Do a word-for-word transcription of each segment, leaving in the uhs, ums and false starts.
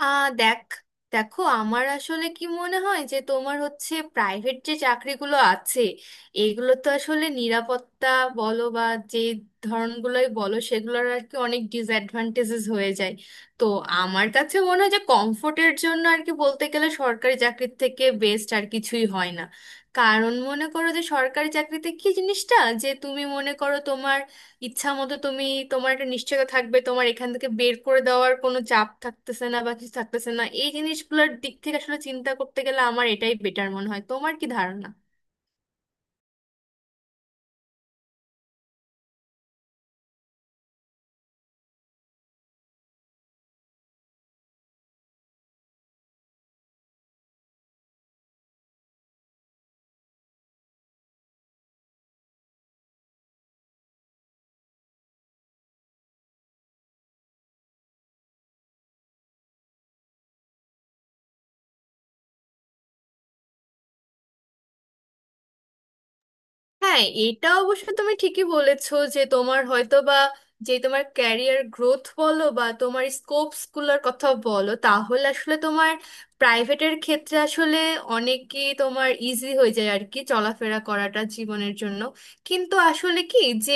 আহ দেখ, দেখো আমার আসলে কি মনে হয় যে তোমার হচ্ছে প্রাইভেট যে চাকরিগুলো আছে, এগুলো তো আসলে নিরাপত্তা বলো বা যে ধরনগুলোই বলো, সেগুলোর আর কি অনেক ডিসঅ্যাডভান্টেজেস হয়ে যায়। তো আমার কাছে মনে হয় যে কমফোর্টের জন্য আর কি বলতে গেলে সরকারি চাকরির থেকে বেস্ট আর কিছুই হয় না। কারণ মনে করো যে সরকারি চাকরিতে কি জিনিসটা, যে তুমি মনে করো তোমার ইচ্ছা মতো তুমি, তোমার একটা নিশ্চয়তা থাকবে, তোমার এখান থেকে বের করে দেওয়ার কোনো চাপ থাকতেছে না বা কিছু থাকতেছে না। এই জিনিসগুলোর দিক থেকে আসলে চিন্তা করতে গেলে আমার এটাই বেটার মনে হয়, তোমার কি ধারণা? হ্যাঁ, এটা অবশ্য তুমি ঠিকই বলেছো যে তোমার হয়তো বা, যে তোমার ক্যারিয়ার গ্রোথ বলো বা তোমার স্কোপস গুলোর কথা বলো, তাহলে আসলে তোমার প্রাইভেটের ক্ষেত্রে আসলে অনেকই তোমার ইজি হয়ে যায় আর কি চলাফেরা করাটা জীবনের জন্য। কিন্তু আসলে কি, যে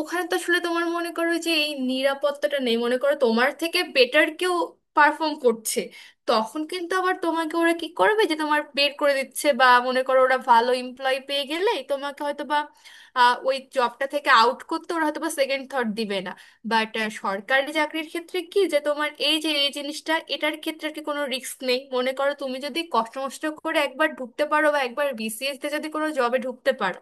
ওখানে তো আসলে তোমার মনে করো যে এই নিরাপত্তাটা নেই, মনে করো তোমার থেকে বেটার কেউ পারফর্ম করছে, তখন কিন্তু আবার তোমাকে ওরা কি করবে যে তোমার বের করে দিচ্ছে, বা মনে করো ওরা ভালো এমপ্লয় পেয়ে গেলেই তোমাকে হয়তো বা আহ, ওই জবটা থেকে আউট করতে ওরা হয়তো বা সেকেন্ড থট দিবে না। বাট সরকারি চাকরির ক্ষেত্রে কি, যে তোমার এই যে এই জিনিসটা, এটার ক্ষেত্রে আর কি কোনো রিস্ক নেই। মনে করো তুমি যদি কষ্ট মষ্ট করে একবার ঢুকতে পারো বা একবার বিসিএস তে যদি কোনো জবে ঢুকতে পারো,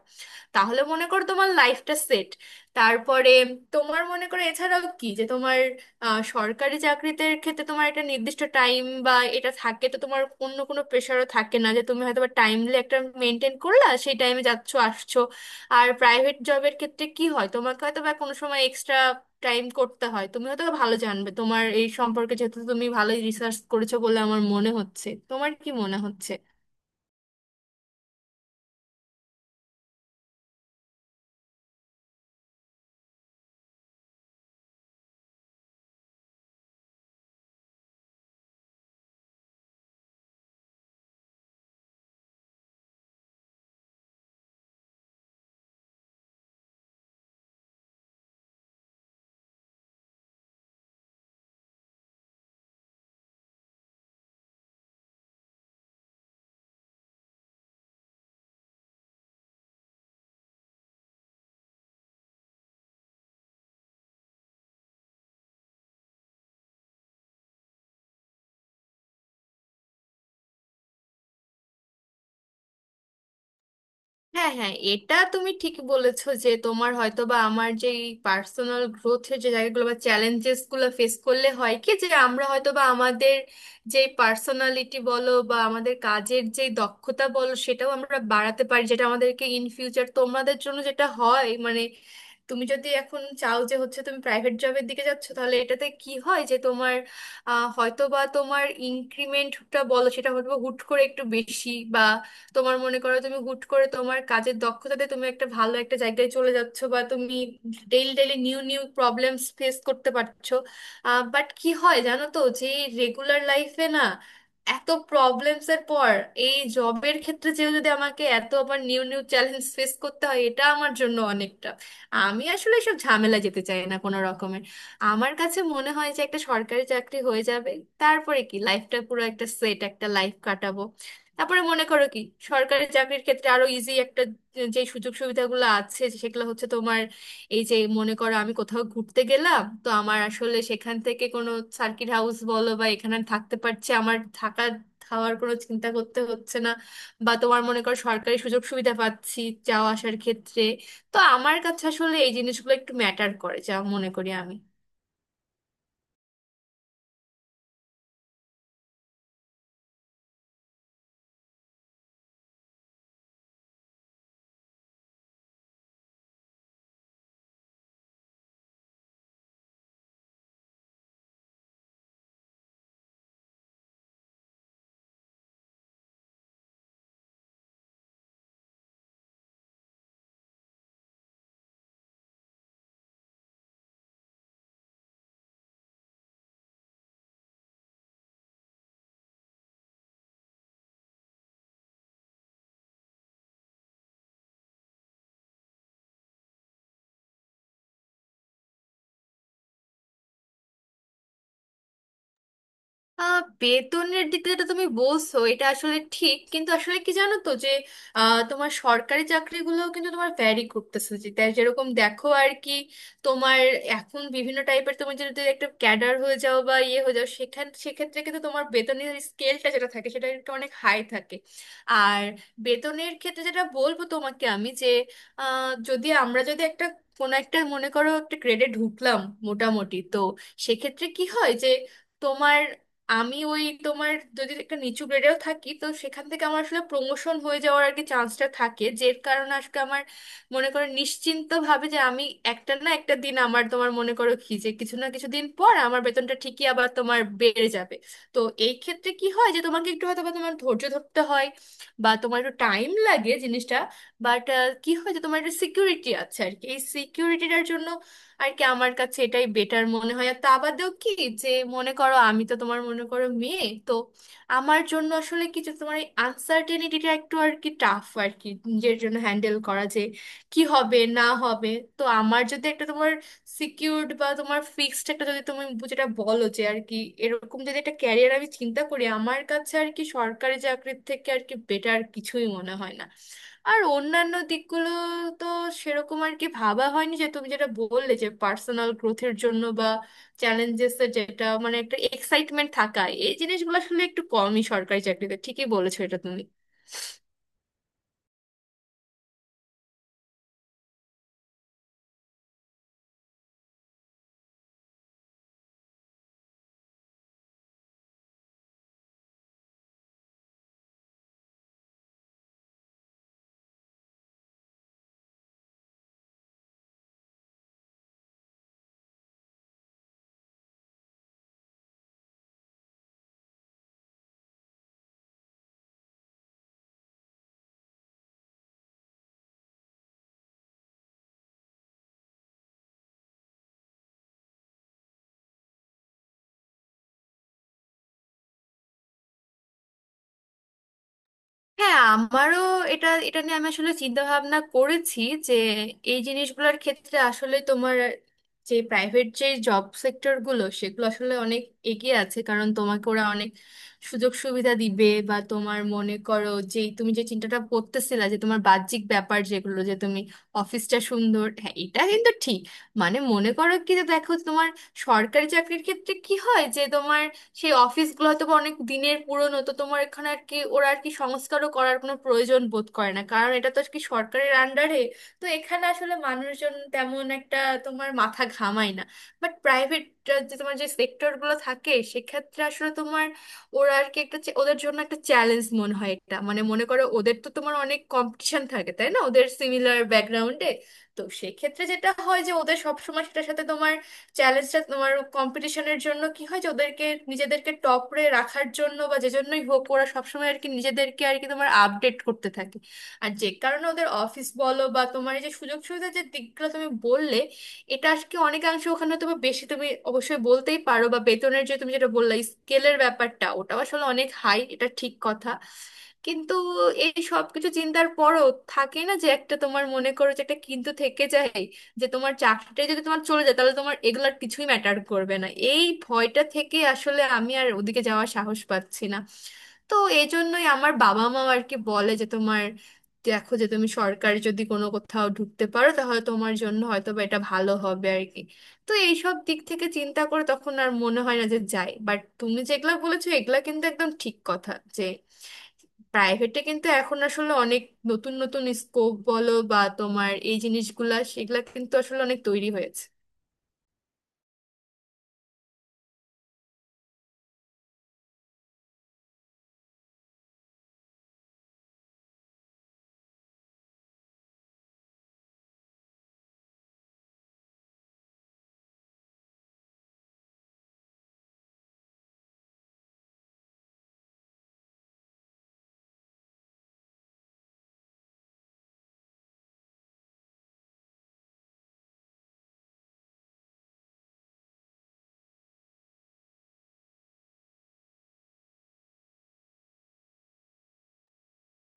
তাহলে মনে করো তোমার লাইফটা সেট। তারপরে তোমার মনে করো এছাড়াও কি যে তোমার, আহ, সরকারি চাকরিতে ক্ষেত্রে তোমার একটা নির্দিষ্ট টাইম বা এটা থাকে, তো তোমার অন্য কোনো প্রেশারও থাকে না যে তুমি হয়তো বা টাইমলি একটা মেনটেন করলা, সেই টাইমে যাচ্ছো আসছো। আর প্রাইভেট জবের ক্ষেত্রে কি হয়, তোমাকে হয়তো বা কোনো সময় এক্সট্রা টাইম করতে হয়। তুমি হয়তো ভালো জানবে তোমার এই সম্পর্কে, যেহেতু তুমি ভালোই রিসার্চ করেছো বলে আমার মনে হচ্ছে, তোমার কি মনে হচ্ছে? হ্যাঁ হ্যাঁ, এটা তুমি ঠিক বলেছো যে তোমার হয়তো বা আমার যে পার্সোনাল গ্রোথের যে জায়গাগুলো বা চ্যালেঞ্জেস গুলো ফেস করলে হয় কি যে আমরা হয়তো বা আমাদের যে পার্সোনালিটি বলো বা আমাদের কাজের যে দক্ষতা বলো, সেটাও আমরা বাড়াতে পারি, যেটা আমাদেরকে ইন ফিউচার তোমাদের জন্য যেটা হয় মানে, তুমি যদি এখন চাও যে হচ্ছে তুমি প্রাইভেট জবের দিকে যাচ্ছ, তাহলে এটাতে কি হয় যে তোমার আহ, হয়তো বা তোমার ইনক্রিমেন্টটা বলো, সেটা হয়তো বা হুট করে একটু বেশি, তোমার মনে করো তুমি হুট করে তোমার কাজের দক্ষতাতে তুমি একটা ভালো একটা জায়গায় চলে যাচ্ছ, বা তুমি daily daily new new problems face করতে পারছো। বাট কি হয় জানো তো, যে রেগুলার লাইফে না এত প্রবলেমস এর পর এই জবের ক্ষেত্রে যে যদি আমাকে এত আবার নিউ নিউ চ্যালেঞ্জ ফেস করতে হয়, এটা আমার জন্য অনেকটা, আমি আসলে সব ঝামেলা যেতে চাই না কোনো রকমের। আমার কাছে মনে হয় যে একটা সরকারি চাকরি হয়ে যাবে, তারপরে কি লাইফটা পুরো একটা সেট একটা লাইফ কাটাবো। তারপরে মনে করো কি, সরকারি চাকরির ক্ষেত্রে আরো ইজি একটা, যে সুযোগ সুবিধাগুলো আছে সেগুলো হচ্ছে তোমার, এই যে মনে করো আমি কোথাও ঘুরতে গেলাম, তো আমার আসলে সেখান থেকে কোনো সার্কিট হাউস বলো বা এখানে আমি থাকতে পারছি, আমার থাকা খাওয়ার কোনো চিন্তা করতে হচ্ছে না, বা তোমার মনে করো সরকারি সুযোগ সুবিধা পাচ্ছি যাওয়া আসার ক্ষেত্রে। তো আমার কাছে আসলে এই জিনিসগুলো একটু ম্যাটার করে যা মনে করি আমি। আহ বেতনের দিক যেটা তুমি বলছো, এটা আসলে ঠিক, কিন্তু আসলে কি জানো তো যে, আহ, তোমার সরকারি চাকরিগুলোও কিন্তু তোমার ভ্যারি করতেছে যে, তাই যেরকম দেখো আর কি, তোমার এখন বিভিন্ন টাইপের, তুমি যদি একটা ক্যাডার হয়ে যাও বা ইয়ে হয়ে যাও, সেখান সেক্ষেত্রে কিন্তু তোমার বেতনের স্কেলটা যেটা থাকে সেটা কিন্তু অনেক হাই থাকে। আর বেতনের ক্ষেত্রে যেটা বলবো তোমাকে আমি যে, আহ, যদি আমরা যদি একটা কোনো একটা মনে করো একটা গ্রেডে ঢুকলাম মোটামুটি, তো সেক্ষেত্রে কি হয় যে তোমার, আমি ওই তোমার, যদি একটা নিচু গ্রেডেও থাকি, তো সেখান থেকে আমার আসলে প্রমোশন হয়ে যাওয়ার আর কি চান্সটা থাকে, যের কারণে আজকে আমার মনে করো নিশ্চিন্ত ভাবে যে আমি একটা না একটা দিন আমার তোমার মনে করো কি, যে কিছু না কিছু দিন পর আমার বেতনটা ঠিকই আবার তোমার বেড়ে যাবে। তো এই ক্ষেত্রে কি হয় যে তোমাকে একটু হয়তো বা তোমার ধৈর্য ধরতে হয় বা তোমার একটু টাইম লাগে জিনিসটা। বাট কি হয় যে তোমার একটা সিকিউরিটি আছে আর কি, এই সিকিউরিটিটার জন্য আর কি আমার কাছে এটাই বেটার মনে হয়। আর তা বাদেও কি, যে মনে করো আমি তো তোমার মনে করো মেয়ে, তো আমার জন্য আসলে কিছু তোমার এই আনসার্টেনিটিটা একটু আর কি টাফ আর কি নিজের জন্য হ্যান্ডেল করা, যে কি হবে না হবে। তো আমার যদি একটা তোমার সিকিউরড বা তোমার ফিক্সড একটা, যদি তুমি যেটা বলো যে আর কি এরকম যদি একটা ক্যারিয়ার আমি চিন্তা করি, আমার কাছে আর কি সরকারি চাকরির থেকে আর কি বেটার কিছুই মনে হয় না। আর অন্যান্য দিকগুলো তো সেরকম আর কি ভাবা হয়নি, যে তুমি যেটা বললে যে পার্সোনাল গ্রোথের জন্য বা চ্যালেঞ্জেস এর যেটা মানে একটা এক্সাইটমেন্ট থাকা, এই জিনিসগুলো আসলে একটু কমই সরকারি চাকরিতে, ঠিকই বলেছো এটা তুমি। হ্যাঁ, আমারও এটা এটা নিয়ে আমি আসলে চিন্তা ভাবনা করেছি, যে এই জিনিসগুলোর ক্ষেত্রে আসলে তোমার যে প্রাইভেট যে জব সেক্টর গুলো, সেগুলো আসলে অনেক এগিয়ে আছে, কারণ তোমাকে ওরা অনেক সুযোগ সুবিধা দিবে বা তোমার মনে করো যে তুমি যে চিন্তাটা করতেছিলা যে তোমার বাহ্যিক ব্যাপার যেগুলো, যে তুমি অফিসটা সুন্দর, হ্যাঁ এটা কিন্তু ঠিক। মানে মনে করো কি যে, দেখো তোমার সরকারি চাকরির ক্ষেত্রে কি হয় যে তোমার সেই অফিসগুলো হয়তো বা অনেক দিনের পুরনো, তো তোমার এখানে আর কি ওরা আর কি সংস্কারও করার কোনো প্রয়োজন বোধ করে না, কারণ এটা তো আর কি সরকারের আন্ডারে। তো এখানে আসলে মানুষজন তেমন একটা তোমার মাথা ঘামায় না। বাট প্রাইভেট যে তোমার যে সেক্টরগুলো থাকে, সেক্ষেত্রে আসলে তোমার ওরা আর কি একটা চ্যা- ওদের জন্য একটা চ্যালেঞ্জ মনে হয় এটা, মানে মনে করো ওদের তো তোমার অনেক কম্পিটিশন থাকে তাই না, ওদের সিমিলার ব্যাকগ্রাউন্ডে। তো সেক্ষেত্রে যেটা হয় যে ওদের সবসময় সেটার সাথে তোমার চ্যালেঞ্জটা, তোমার কম্পিটিশনের জন্য কি হয় যে ওদেরকে নিজেদেরকে টপরে রাখার জন্য বা যে জন্যই হোক ওরা সবসময় আর কি নিজেদেরকে আর কি তোমার আপডেট করতে থাকে। আর যে কারণে ওদের অফিস বলো বা তোমার এই যে সুযোগ সুবিধার যে দিকগুলো তুমি বললে, এটা আর কি অনেকাংশে ওখানে তুমি বেশি তুমি অবশ্যই বলতেই পারো, বা বেতনের যে তুমি যেটা বললে স্কেলের ব্যাপারটা ওটা আসলে অনেক হাই, এটা ঠিক কথা। কিন্তু এই সব কিছু চিন্তার পরও থাকে না, যে একটা তোমার মনে করো যে একটা কিন্তু থেকে যায় যে তোমার চাকরিটা যদি তোমার চলে যায় তাহলে তোমার এগুলার কিছুই ম্যাটার করবে না, এই ভয়টা থেকে আসলে আমি আর ওদিকে যাওয়ার সাহস পাচ্ছি না। তো এই জন্যই আমার বাবা মা আর কি বলে যে তোমার দেখো যে তুমি সরকারি যদি কোনো কোথাও ঢুকতে পারো, তাহলে তোমার জন্য হয়তো বা এটা ভালো হবে আর কি। তো এইসব দিক থেকে চিন্তা করে তখন আর মনে হয় না যে যাই, বাট তুমি যেগুলা বলেছো এগুলা কিন্তু একদম ঠিক কথা, যে প্রাইভেটে কিন্তু এখন আসলে অনেক নতুন নতুন স্কোপ বলো বা তোমার এই জিনিসগুলা, সেগুলা কিন্তু আসলে অনেক তৈরি হয়েছে।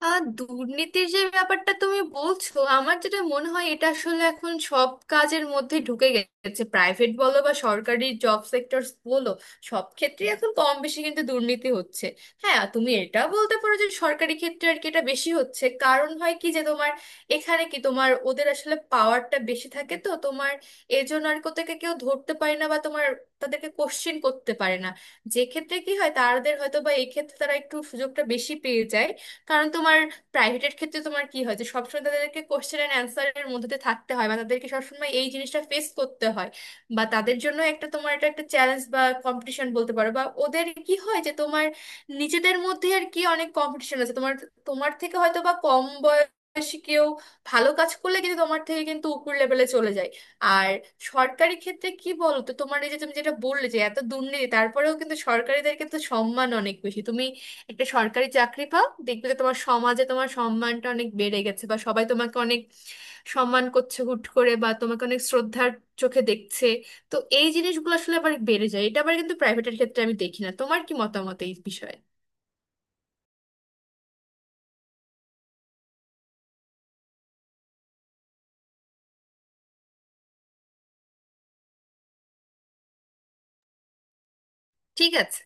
আহ দুর্নীতির যে ব্যাপারটা তুমি বলছো, আমার যেটা মনে হয় এটা আসলে এখন সব কাজের মধ্যে ঢুকে গেছে, প্রাইভেট বলো বা সরকারি জব সেক্টরস বলো, সব ক্ষেত্রে এখন কম বেশি কিন্তু দুর্নীতি হচ্ছে। হ্যাঁ, তুমি এটা বলতে পারো যে সরকারি ক্ষেত্রে আর কি এটা বেশি হচ্ছে, কারণ হয় কি যে তোমার এখানে কি তোমার ওদের আসলে পাওয়ারটা বেশি থাকে, তো তোমার এজন্য আর কোথাকে কেউ ধরতে পারে না বা তোমার তাদেরকে কোশ্চেন করতে পারে না। যে ক্ষেত্রে কি হয় তাদের হয়তো বা এই ক্ষেত্রে তারা একটু সুযোগটা বেশি পেয়ে যায়। কারণ তোমার প্রাইভেটের ক্ষেত্রে তোমার কি হয়, যে সবসময় তাদেরকে কোশ্চেন অ্যান্ড অ্যান্সারের মধ্যে দিয়ে থাকতে হয় বা তাদেরকে সবসময় এই জিনিসটা ফেস করতে হয়, বা তাদের জন্য একটা তোমার এটা একটা চ্যালেঞ্জ বা কম্পিটিশন বলতে পারো, বা ওদের কি হয় যে তোমার নিজেদের মধ্যে আর কি অনেক কম্পিটিশন আছে। তোমার তোমার থেকে হয়তো বা কম বয়সী কেউ ভালো কাজ করলে কিন্তু তোমার থেকে কিন্তু উপর লেভেলে চলে যায়। আর সরকারি ক্ষেত্রে কি বলতো, তোমার এই যে তুমি যেটা বললে যে এত দুর্নীতি, তারপরেও কিন্তু সরকারিদের কিন্তু সম্মান অনেক বেশি। তুমি একটা সরকারি চাকরি পাও, দেখবে যে তোমার সমাজে তোমার সম্মানটা অনেক বেড়ে গেছে, বা সবাই তোমাকে অনেক সম্মান করছে হুট করে, বা তোমাকে অনেক শ্রদ্ধার চোখে দেখছে। তো এই জিনিসগুলো আসলে আবার বেড়ে যায়, এটা আবার কিন্তু প্রাইভেটের ক্ষেত্রে আমি দেখি না। তোমার কি মতামত এই বিষয়ে? ঠিক আছে।